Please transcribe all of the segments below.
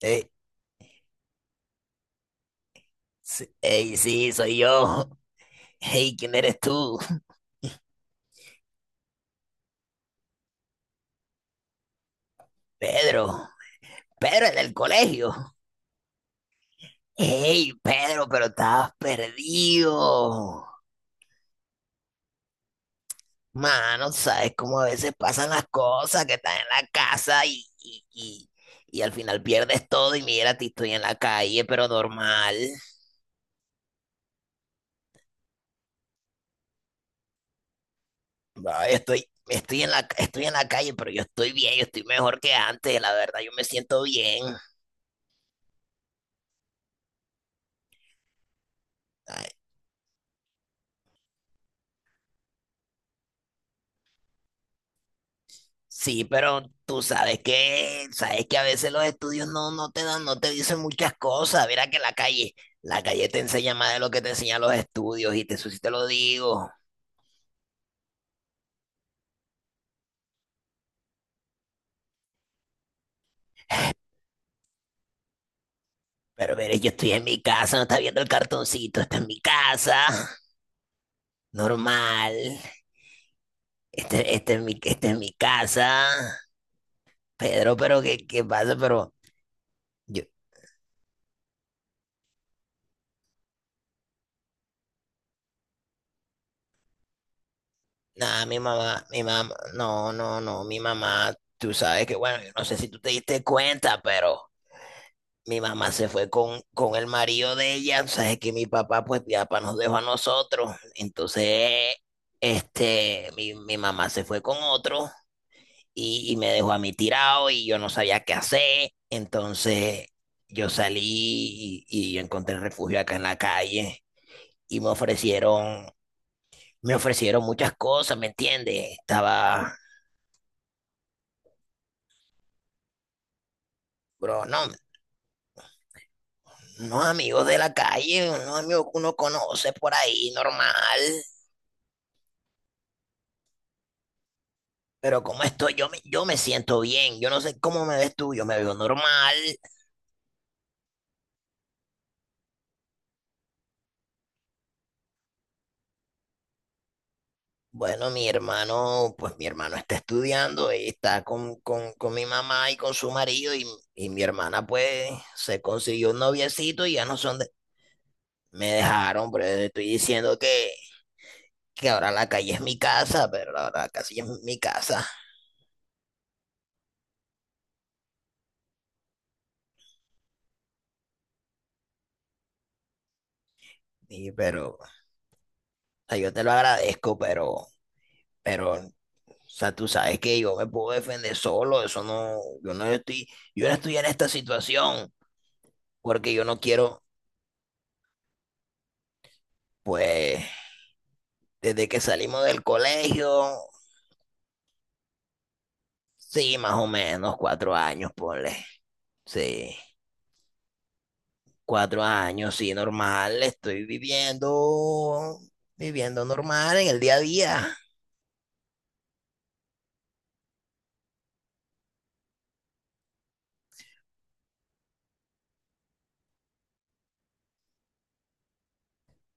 Ey, sí, ey, sí, soy yo. Hey, ¿quién eres tú? Pedro. Pedro, el del colegio. Hey, Pedro, pero estabas perdido. Mano, sabes cómo a veces pasan las cosas, que estás en la casa y al final pierdes todo y mira, ti estoy en la calle, pero normal. Ay, estoy en la calle, pero yo estoy bien, yo estoy mejor que antes, la verdad, yo me siento bien. Ay, sí, pero tú sabes que a veces los estudios no, no te dan, no te dicen muchas cosas. Mira que la calle te enseña más de lo que te enseñan los estudios, eso sí te lo digo. Pero mire, yo estoy en mi casa, no estás viendo el cartoncito, está en mi casa, normal. Este es mi casa. Pedro, pero ¿qué pasa? Pero yo, nada, mi mamá, no, no, no, mi mamá, tú sabes que, bueno, yo no sé si tú te diste cuenta, pero. Mi mamá se fue con el marido de ella, sabes que mi papá pues ya pa nos dejó a nosotros. Entonces este, mi mamá se fue con otro y me dejó a mí tirado y yo no sabía qué hacer. Entonces yo salí y yo encontré refugio acá en la calle y me ofrecieron muchas cosas, ¿me entiendes? Bro, no, unos amigos de la calle, unos amigos que uno conoce por ahí, normal. Pero como estoy, yo me siento bien, yo no sé cómo me ves tú, yo me veo normal. Bueno, mi hermano, pues mi hermano está estudiando y está con mi mamá y con su marido, y mi hermana pues se consiguió un noviecito y ya no son de... Me dejaron, pero te estoy diciendo que, ahora la calle es mi casa, pero la verdad, casi es mi casa. Y, pero, o sea, yo te lo agradezco, pero sea, tú sabes que yo me puedo defender solo, eso no, yo no estoy en esta situación, porque yo no quiero, pues, desde que salimos del colegio, sí, más o menos 4 años, ponle, sí, 4 años, sí, normal, estoy viviendo normal en el día a día.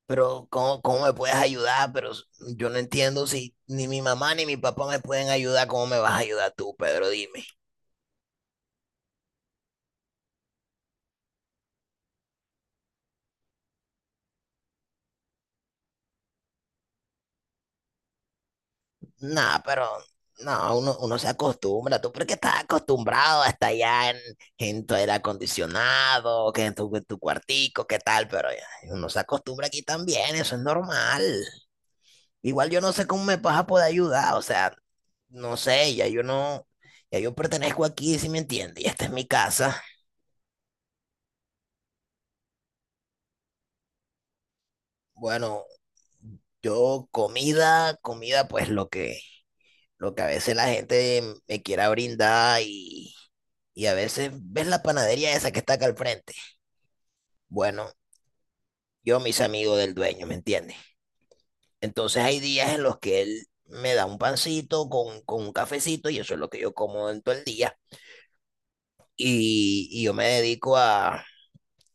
Pero ¿cómo me puedes ayudar? Pero yo no entiendo si ni mi mamá ni mi papá me pueden ayudar, ¿cómo me vas a ayudar tú, Pedro? Dime. Nah, pero no, uno se acostumbra. Tú porque estás acostumbrado a estar allá en, tu aire acondicionado, que en tu cuartico, qué tal, pero ya, uno se acostumbra aquí también, eso es normal. Igual yo no sé cómo me vas a poder ayudar, o sea, no sé, ya yo pertenezco aquí, si me entiendes, y esta es mi casa. Bueno, yo comida, comida, pues lo que, a veces la gente me quiera brindar, y a veces ves la panadería esa que está acá al frente. Bueno, yo mis amigos del dueño, ¿me entiendes? Entonces hay días en los que él me da un pancito con, un cafecito y eso es lo que yo como en todo el día. Y yo me dedico a,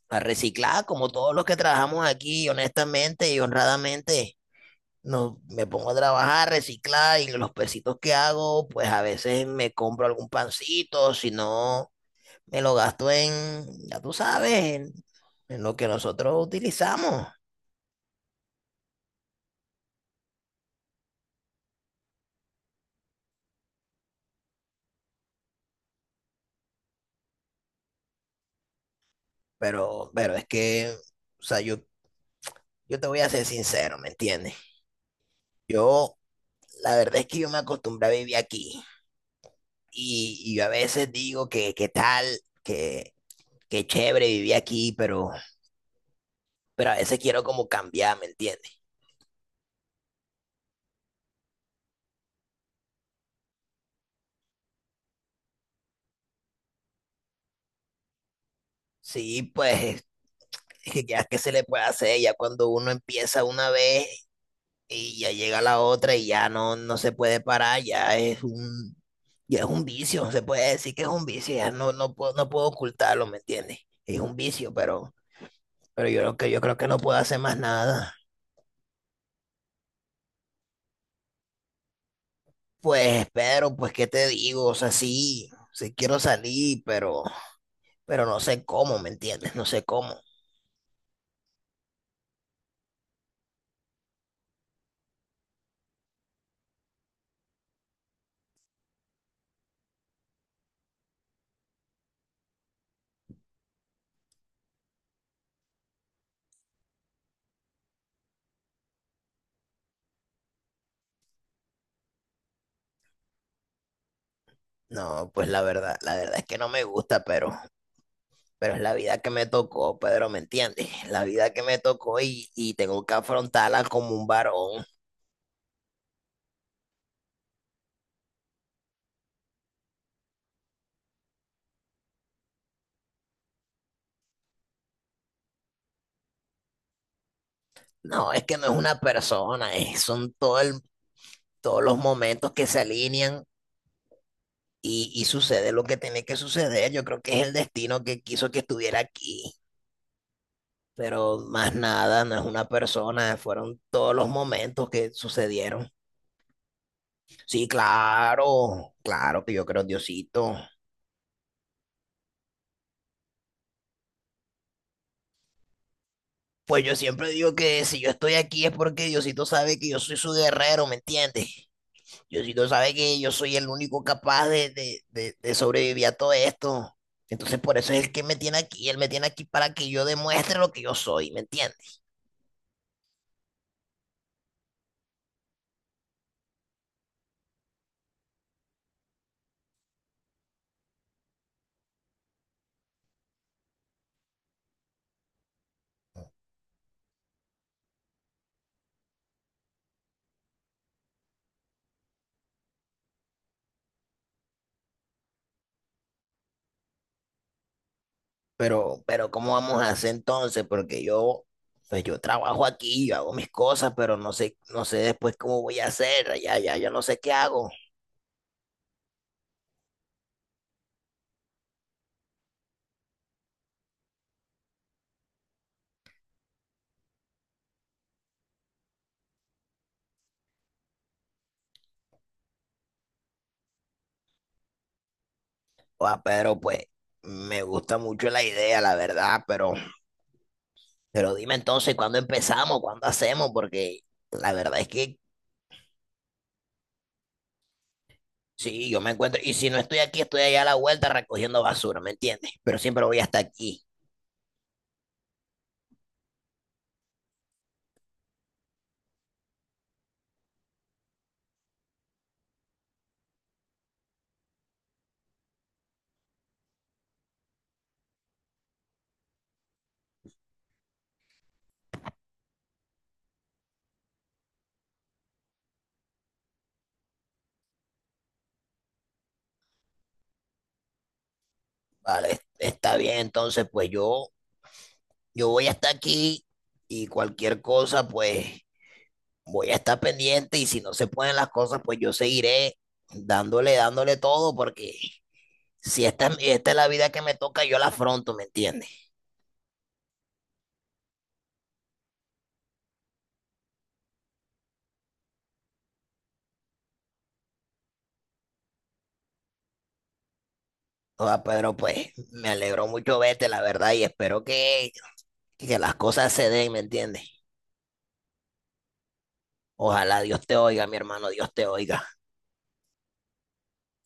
a reciclar como todos los que trabajamos aquí, honestamente y honradamente. No, me pongo a trabajar, reciclar y los pesitos que hago, pues a veces me compro algún pancito, si no, me lo gasto en, ya tú sabes, en, lo que nosotros utilizamos. pero, es que, o sea, yo te voy a ser sincero, ¿me entiendes? Yo, la verdad es que yo me acostumbré a vivir aquí. Y yo a veces digo que, tal, que chévere vivir aquí, pero a veces quiero como cambiar, ¿me entiendes? Sí, pues, ya que se le puede hacer, ya cuando uno empieza una vez, y ya llega la otra y ya no, no se puede parar, ya es un, vicio, se puede decir que es un vicio, ya no, no puedo ocultarlo, ¿me entiendes? Es un vicio, pero yo creo que no puedo hacer más nada. Pues Pedro pues qué te digo, o sea, sí, sí quiero salir, pero, no sé cómo, ¿me entiendes? No sé cómo. No, pues la verdad, es que no me gusta, pero es la vida que me tocó, Pedro, ¿me entiendes? La vida que me tocó y tengo que afrontarla como un varón. No, es que no es una persona, son todos los momentos que se alinean y sucede lo que tiene que suceder. Yo creo que es el destino que quiso que estuviera aquí, pero más nada, no es una persona, fueron todos los momentos que sucedieron. Sí, claro, claro que yo creo en Diosito. Pues yo siempre digo que si yo estoy aquí es porque Diosito sabe que yo soy su guerrero, ¿me entiendes? Diosito sabe que yo soy el único capaz de sobrevivir a todo esto. Entonces por eso es el que me tiene aquí. Él me tiene aquí para que yo demuestre lo que yo soy, ¿me entiendes? pero, ¿cómo vamos a hacer entonces? Porque yo, pues yo trabajo aquí, yo hago mis cosas, pero no sé después cómo voy a hacer. Ya, ya, yo no sé qué hago. Ah, pero pues me gusta mucho la idea, la verdad. pero, dime entonces, ¿cuándo empezamos? ¿Cuándo hacemos? Porque la verdad es que sí, yo me encuentro. Y si no estoy aquí, estoy allá a la vuelta recogiendo basura, ¿me entiendes? Pero siempre voy hasta aquí. Vale, está bien. Entonces, pues yo voy hasta aquí y cualquier cosa, pues voy a estar pendiente. Y si no se pueden las cosas, pues yo seguiré dándole, dándole todo, porque si esta es la vida que me toca, yo la afronto, ¿me entiendes? O sea, Pedro, pues me alegró mucho verte, la verdad, y espero que, las cosas se den, ¿me entiendes? Ojalá Dios te oiga, mi hermano, Dios te oiga.